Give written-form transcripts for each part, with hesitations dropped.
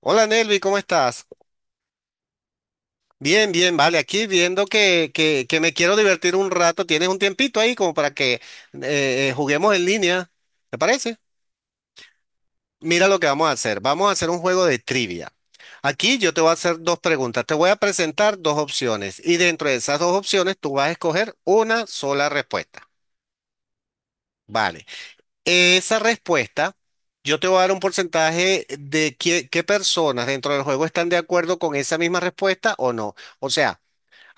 Hola Nelvi, ¿cómo estás? Bien, bien, vale, aquí viendo que me quiero divertir un rato, ¿tienes un tiempito ahí como para que juguemos en línea? ¿Te parece? Mira lo que vamos a hacer un juego de trivia. Aquí yo te voy a hacer dos preguntas, te voy a presentar dos opciones y dentro de esas dos opciones tú vas a escoger una sola respuesta. Vale, esa respuesta yo te voy a dar un porcentaje de qué personas dentro del juego están de acuerdo con esa misma respuesta o no. O sea,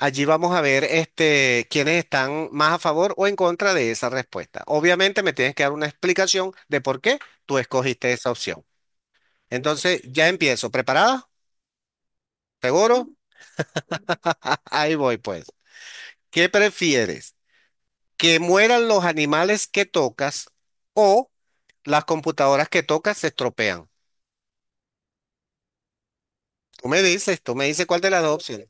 allí vamos a ver este, quiénes están más a favor o en contra de esa respuesta. Obviamente me tienes que dar una explicación de por qué tú escogiste esa opción. Entonces, ya empiezo. ¿Preparada? ¿Seguro? Ahí voy pues. ¿Qué prefieres? ¿Que mueran los animales que tocas o las computadoras que tocas se estropean? Tú me dices cuál de las dos opciones.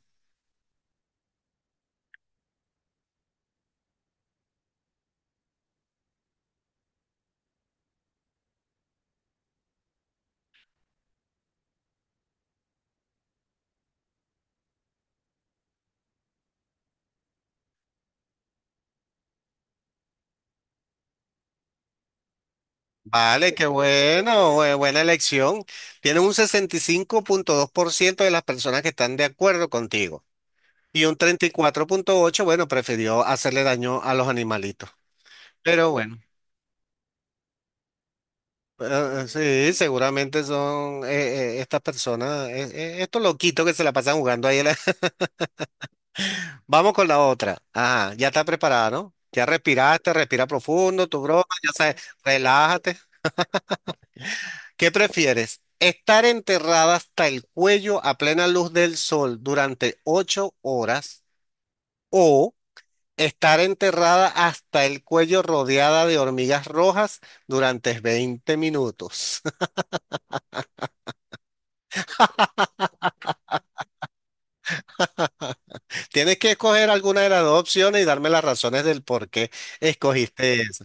Vale, qué bueno, buena elección. Tienes un 65.2% de las personas que están de acuerdo contigo. Y un 34.8 bueno, prefirió hacerle daño a los animalitos. Pero bueno, sí, seguramente son estas personas, estos loquitos que se la pasan jugando ahí. Vamos con la otra. Ajá, ya está preparada, ¿no? Ya respiraste, respira profundo, tu broma, ya sabes, relájate. ¿Qué prefieres? ¿Estar enterrada hasta el cuello a plena luz del sol durante 8 horas o... estar enterrada hasta el cuello rodeada de hormigas rojas durante 20 minutos? Tienes que escoger alguna de las dos opciones y darme las razones del por qué escogiste eso.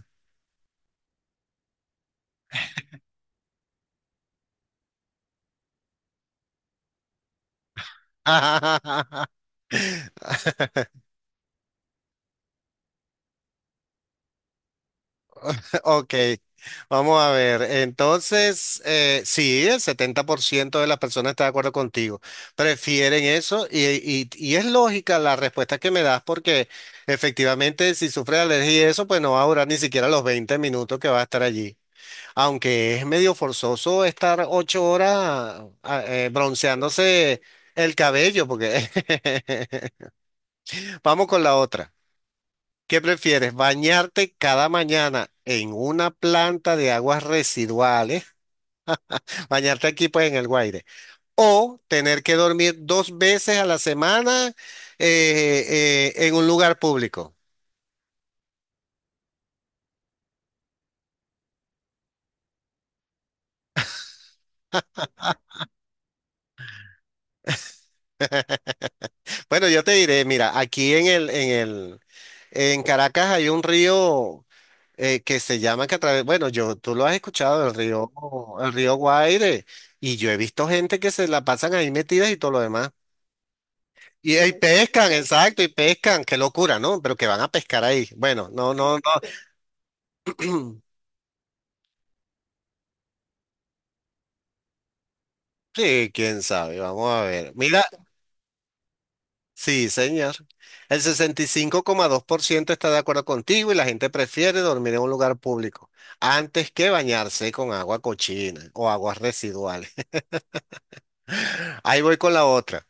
Ok, vamos a ver. Entonces, sí, el 70% de las personas está de acuerdo contigo. Prefieren eso y es lógica la respuesta que me das porque efectivamente si sufre de alergia y eso, pues no va a durar ni siquiera los 20 minutos que va a estar allí. Aunque es medio forzoso estar 8 horas bronceándose el cabello, porque vamos con la otra. ¿Qué prefieres? ¿Bañarte cada mañana en una planta de aguas residuales? Bañarte aquí pues en el Guaire. ¿O tener que dormir dos veces a la semana eh, en un lugar público? Bueno, yo te diré, mira, aquí en Caracas hay un río que se llama que a través, bueno, yo, tú lo has escuchado, el río Guaire, y yo he visto gente que se la pasan ahí metidas y todo lo demás. Y pescan, exacto, y pescan, qué locura, ¿no? Pero que van a pescar ahí. Bueno, no, no, no. Sí, quién sabe, vamos a ver. Mira, sí, señor. El 65,2% está de acuerdo contigo y la gente prefiere dormir en un lugar público antes que bañarse con agua cochina o aguas residuales. Ahí voy con la otra.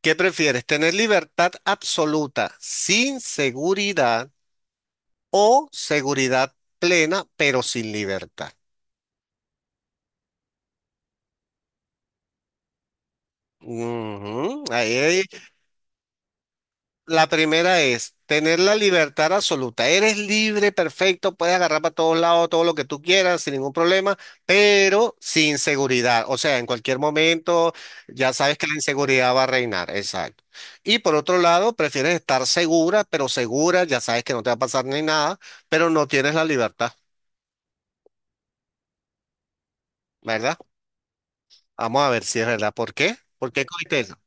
¿Qué prefieres? ¿Tener libertad absoluta sin seguridad o seguridad plena pero sin libertad? Ujú, ahí, ahí. La primera es tener la libertad absoluta. Eres libre, perfecto, puedes agarrar para todos lados todo lo que tú quieras sin ningún problema, pero sin seguridad. O sea, en cualquier momento ya sabes que la inseguridad va a reinar. Exacto. Y por otro lado, prefieres estar segura, pero segura, ya sabes que no te va a pasar ni nada, pero no tienes la libertad. ¿Verdad? Vamos a ver si es verdad. ¿Por qué? ¿Por qué cogiste eso?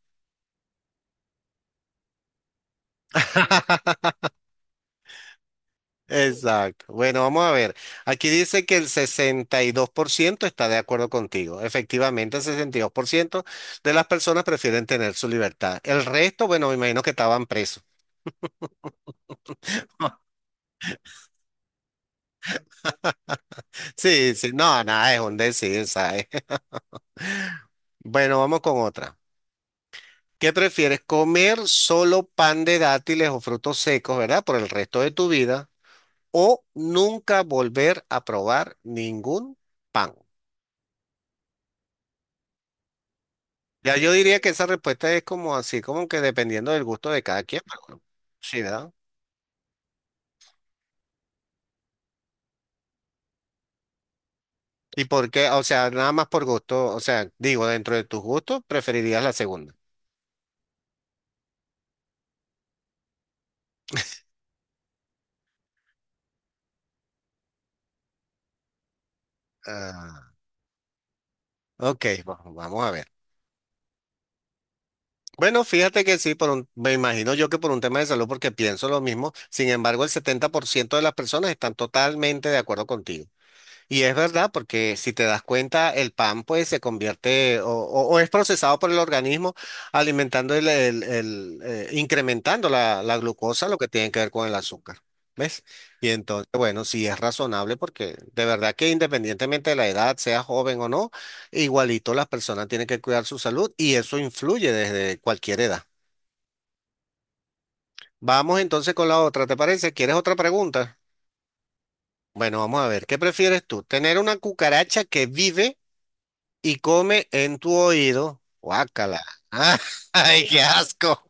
Exacto. Bueno, vamos a ver. Aquí dice que el 62% está de acuerdo contigo. Efectivamente, el 62% de las personas prefieren tener su libertad. El resto, bueno, me imagino que estaban presos. Sí, sí, no, nada, es un decir, ¿sabes? Bueno, vamos con otra. ¿Qué prefieres, comer solo pan de dátiles o frutos secos, ¿verdad? Por el resto de tu vida, o nunca volver a probar ningún pan? Ya yo diría que esa respuesta es como así, como que dependiendo del gusto de cada quien, pero sí, ¿verdad? ¿Y por qué? O sea, nada más por gusto, o sea, digo, dentro de tus gustos, preferirías la segunda. Ah, ok, vamos a ver. Bueno, fíjate que sí, me imagino yo que por un tema de salud, porque pienso lo mismo. Sin embargo, el 70% de las personas están totalmente de acuerdo contigo. Y es verdad, porque si te das cuenta, el pan pues se convierte o es procesado por el organismo alimentando incrementando la glucosa, lo que tiene que ver con el azúcar. ¿Ves? Y entonces, bueno, sí es razonable porque de verdad que independientemente de la edad, sea joven o no, igualito las personas tienen que cuidar su salud y eso influye desde cualquier edad. Vamos entonces con la otra, ¿te parece? ¿Quieres otra pregunta? Bueno, vamos a ver, ¿qué prefieres tú? ¿Tener una cucaracha que vive y come en tu oído? Guácala. Ah, ¡ay, qué asco!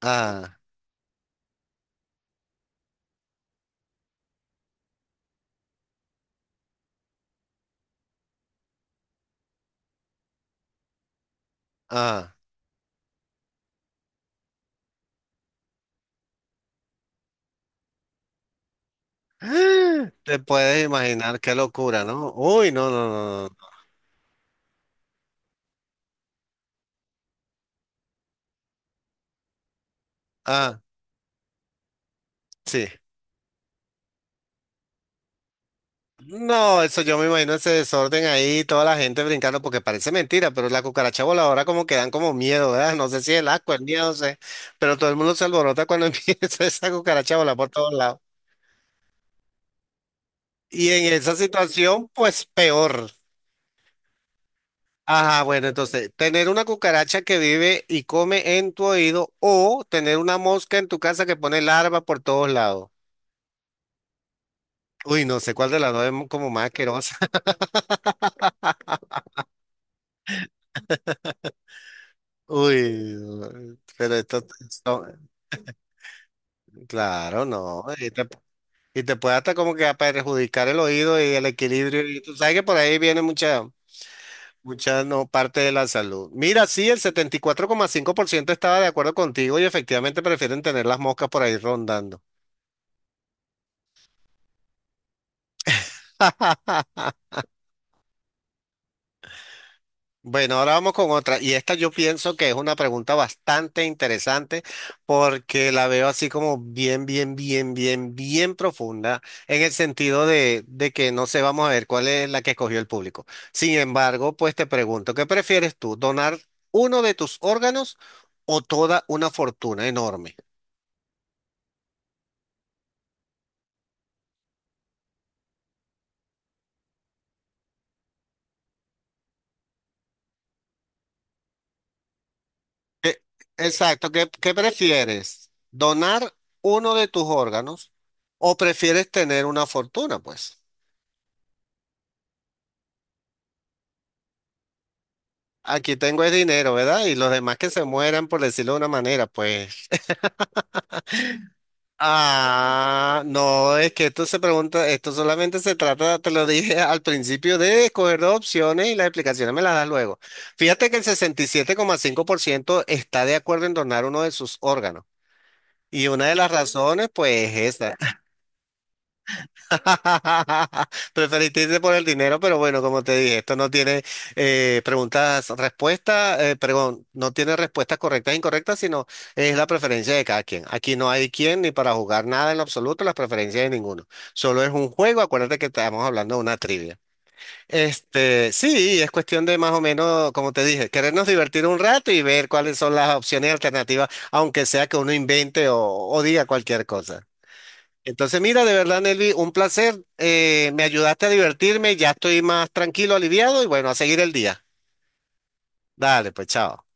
Ah, ah. Ah, te puedes imaginar qué locura, ¿no? Uy, no, no, no, no. No. Ah, sí. No, eso yo me imagino ese desorden ahí, toda la gente brincando, porque parece mentira, pero la cucaracha voladora como que dan como miedo, ¿verdad? No sé si el asco, el miedo, no sé, pero todo el mundo se alborota cuando empieza esa cucaracha a volar por todos lados. Y en esa situación, pues peor. Ajá, bueno, entonces, tener una cucaracha que vive y come en tu oído o tener una mosca en tu casa que pone larva por todos lados. Uy, no sé cuál de las dos es como más asquerosa. Uy, no, pero esto- claro, no. Y te puede hasta como que a perjudicar el oído y el equilibrio. Y tú sabes que por ahí viene mucha, mucha no, parte de la salud. Mira, sí, el 74,5% estaba de acuerdo contigo y efectivamente prefieren tener las moscas por ahí rondando. Bueno, ahora vamos con otra. Y esta yo pienso que es una pregunta bastante interesante porque la veo así como bien, bien, bien, bien, bien profunda en el sentido de que no sé, vamos a ver cuál es la que escogió el público. Sin embargo, pues te pregunto, ¿qué prefieres tú? ¿Donar uno de tus órganos o toda una fortuna enorme? ¿Qué- exacto, ¿qué prefieres? ¿Donar uno de tus órganos o prefieres tener una fortuna, pues? Aquí tengo el dinero, ¿verdad? Y los demás que se mueran, por decirlo de una manera, pues. Ah, no, es que esto se pregunta, esto solamente se trata, te lo dije al principio, de escoger dos opciones y las explicaciones me las das luego. Fíjate que el 67,5% está de acuerdo en donar uno de sus órganos. Y una de las razones, pues, es esta. Preferiste irte por el dinero, pero bueno, como te dije, esto no tiene perdón, no tiene respuestas correctas e incorrectas, sino es la preferencia de cada quien. Aquí no hay quien ni para jugar nada en lo absoluto, las preferencias de ninguno. Solo es un juego, acuérdate que estamos hablando de una trivia. Este, sí, es cuestión de más o menos, como te dije, querernos divertir un rato y ver cuáles son las opciones alternativas, aunque sea que uno invente o diga cualquier cosa. Entonces, mira, de verdad, Nelvi, un placer. Me ayudaste a divertirme, ya estoy más tranquilo, aliviado y bueno, a seguir el día. Dale, pues chao.